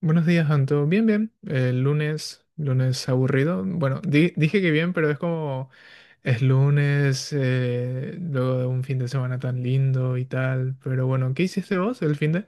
Buenos días, Anto. Bien, bien. El lunes aburrido. Bueno, dije que bien, pero es como es lunes, luego de un fin de semana tan lindo y tal. Pero bueno, ¿qué hiciste vos el fin de?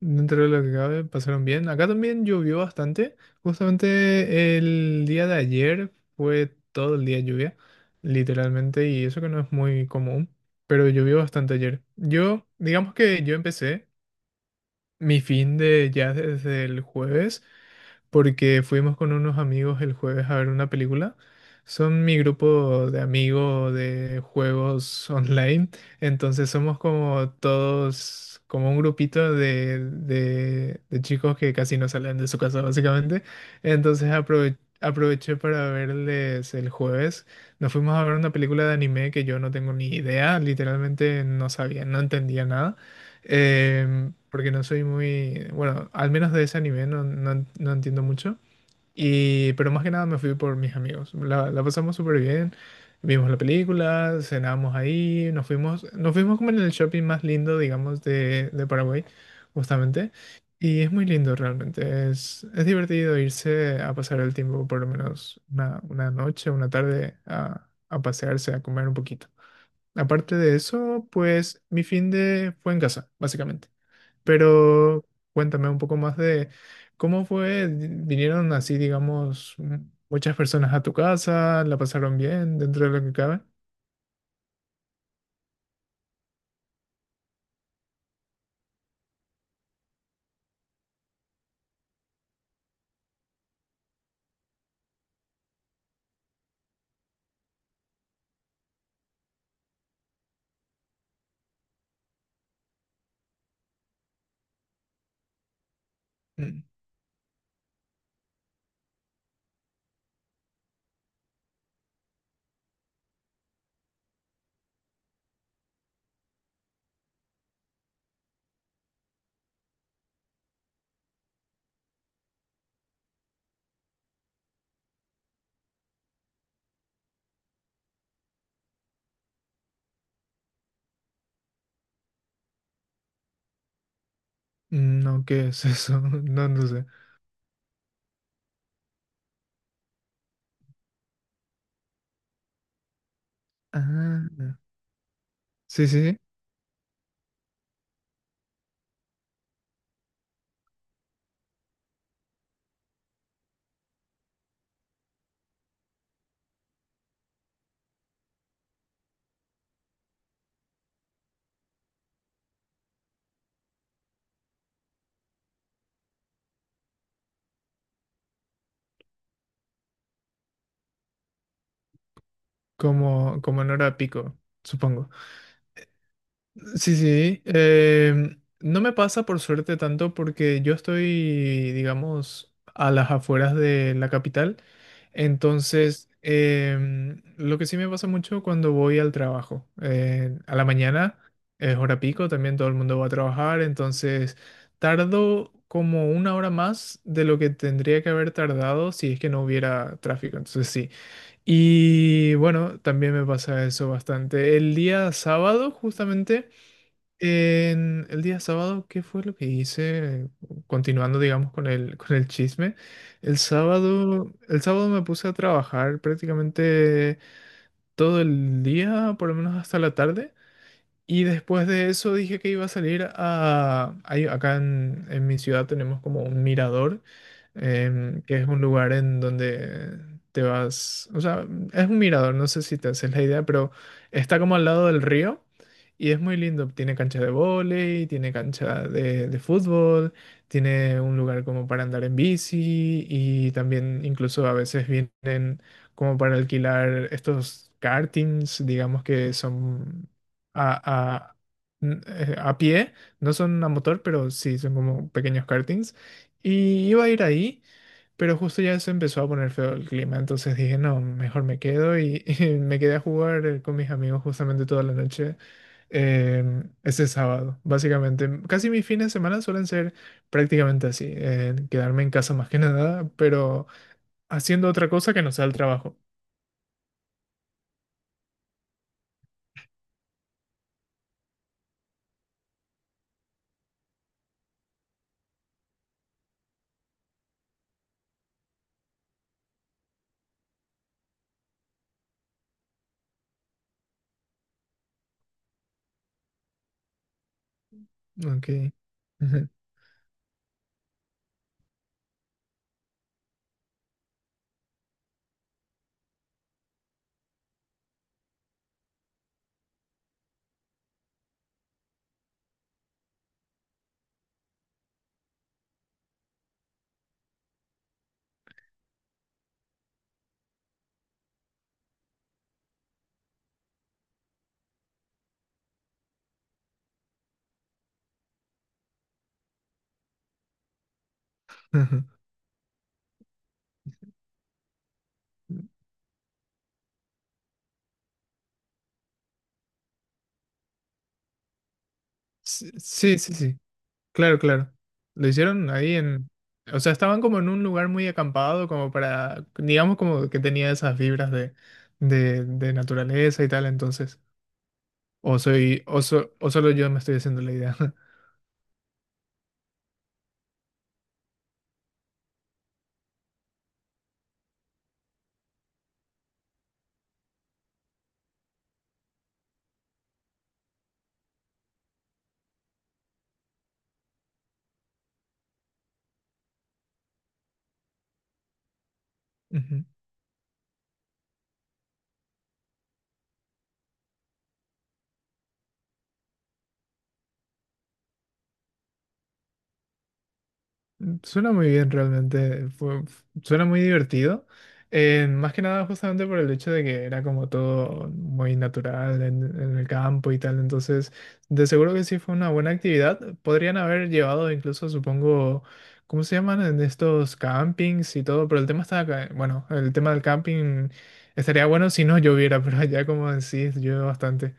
Dentro de lo que cabe, pasaron bien. Acá también llovió bastante. Justamente el día de ayer fue todo el día lluvia, literalmente, y eso que no es muy común, pero llovió bastante ayer. Yo, digamos que yo empecé mi fin de ya desde el jueves, porque fuimos con unos amigos el jueves a ver una película. Son mi grupo de amigos de juegos online, entonces somos como todos, como un grupito de chicos que casi no salen de su casa básicamente. Entonces aproveché para verles el jueves. Nos fuimos a ver una película de anime que yo no tengo ni idea, literalmente no sabía, no entendía nada. Porque no soy muy, bueno, al menos de ese anime no, no entiendo mucho. Y, pero más que nada me fui por mis amigos. La pasamos súper bien. Vimos la película, cenamos ahí, nos fuimos como en el shopping más lindo, digamos, de Paraguay, justamente. Y es muy lindo realmente. Es divertido irse a pasar el tiempo, por lo menos una noche, una tarde, a pasearse, a comer un poquito. Aparte de eso, pues mi fin de fue en casa, básicamente. Pero cuéntame un poco más de cómo fue, vinieron así, digamos, muchas personas a tu casa, la pasaron bien dentro de lo que cabe. Mm. No, ¿qué es eso? No, no sé. Ah, sí, sí, sí, como, como en hora pico, supongo. Sí, sí. No me pasa por suerte tanto porque yo estoy, digamos, a las afueras de la capital. Entonces, lo que sí me pasa mucho cuando voy al trabajo. A la mañana es hora pico, también todo el mundo va a trabajar. Entonces, tardo como una hora más de lo que tendría que haber tardado si es que no hubiera tráfico. Entonces, sí. Y bueno, también me pasa eso bastante. El día sábado, justamente. En el día sábado, ¿qué fue lo que hice? Continuando, digamos, con el chisme. El sábado me puse a trabajar prácticamente todo el día, por lo menos hasta la tarde. Y después de eso dije que iba a salir a... acá en mi ciudad tenemos como un mirador, que es un lugar en donde te vas... O sea, es un mirador, no sé si te haces la idea, pero está como al lado del río y es muy lindo. Tiene cancha de vóley, tiene cancha de fútbol, tiene un lugar como para andar en bici y también incluso a veces vienen como para alquilar estos kartings, digamos que son a, a- a pie, no son a motor, pero sí son como pequeños kartings. Y iba a ir ahí, pero justo ya se empezó a poner feo el clima, entonces dije, no, mejor me quedo y, y me quedé a jugar con mis amigos justamente toda la noche eh, ese sábado, básicamente. Casi mis fines de semana suelen ser prácticamente así, quedarme en casa más que nada, pero haciendo otra cosa que no sea el trabajo. Ok. Ujú, ujú. Sí, sí, sí. Claro, claro. Lo hicieron ahí en... O sea, estaban como en un lugar muy acampado, como para, digamos como que tenía esas vibras de naturaleza y tal, entonces. O soy, o, so- o solo yo me estoy haciendo la idea. Ujú. Suena muy bien realmente, suena muy divertido. Más que nada justamente por el hecho de que era como todo muy natural en el campo y tal, entonces de seguro que sí fue una buena actividad. Podrían haber llevado incluso, supongo, ¿cómo se llaman? En estos campings y todo, pero el tema está acá, bueno, el tema del camping estaría bueno si no lloviera, pero allá como decís, llueve bastante,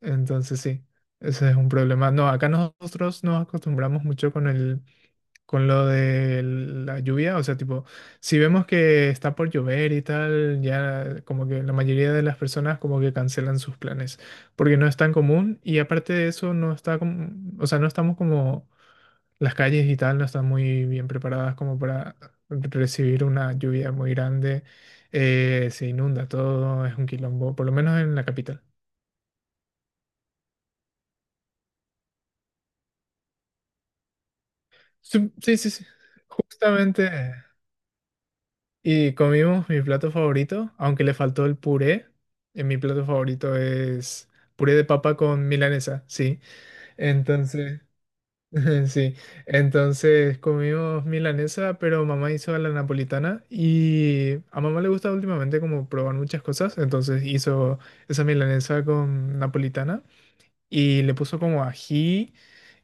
entonces sí. Ese es un problema. No, acá nosotros nos acostumbramos mucho con lo de la lluvia, o sea, tipo, si vemos que está por llover y tal, ya como que la mayoría de las personas como que cancelan sus planes, porque no es tan común y aparte de eso no está como, o sea, no estamos como las calles y tal no están muy bien preparadas como para recibir una lluvia muy grande, se inunda todo, es un quilombo, por lo menos en la capital. Sí, sí, sí, sí, justamente. Y comimos mi plato favorito, aunque le faltó el puré. Mi plato favorito es puré de papa con milanesa, sí. Entonces, sí. Entonces comimos milanesa, pero mamá hizo a la napolitana y a mamá le gusta últimamente como probar muchas cosas. Entonces hizo esa milanesa con napolitana y le puso como ají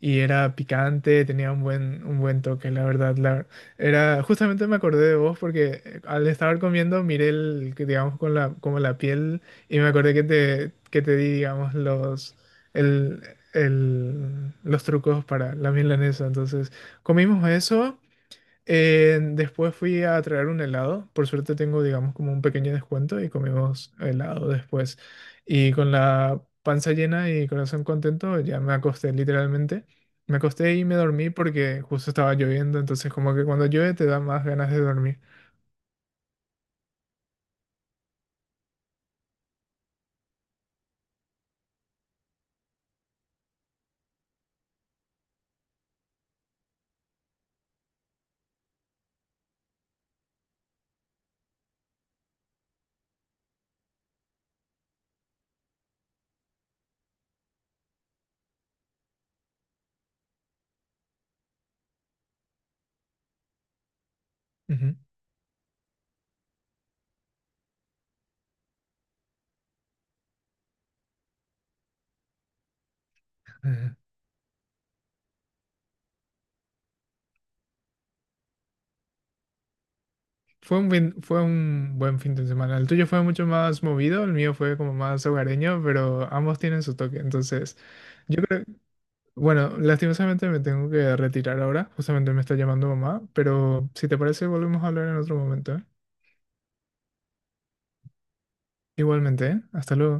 y era picante, tenía un buen toque, la verdad. Era, justamente me acordé de vos porque al estar comiendo miré el, que digamos, con la, como la piel y me acordé que que te di, digamos, los, el, los trucos para la milanesa. Entonces, comimos eso. Después fui a traer un helado. Por suerte tengo, digamos, como un pequeño descuento y comimos helado después. Y con la panza llena y corazón contento, ya me acosté literalmente. Me acosté y me dormí porque justo estaba lloviendo, entonces como que cuando llueve te da más ganas de dormir. Ujú. Ujú. Fue un buen fin de semana. El tuyo fue mucho más movido, el mío fue como más hogareño, pero ambos tienen su toque. Entonces, yo creo. Bueno, lastimosamente me tengo que retirar ahora, justamente me está llamando mamá, pero si te parece volvemos a hablar en otro momento, ¿eh? Igualmente, ¿eh? Hasta luego.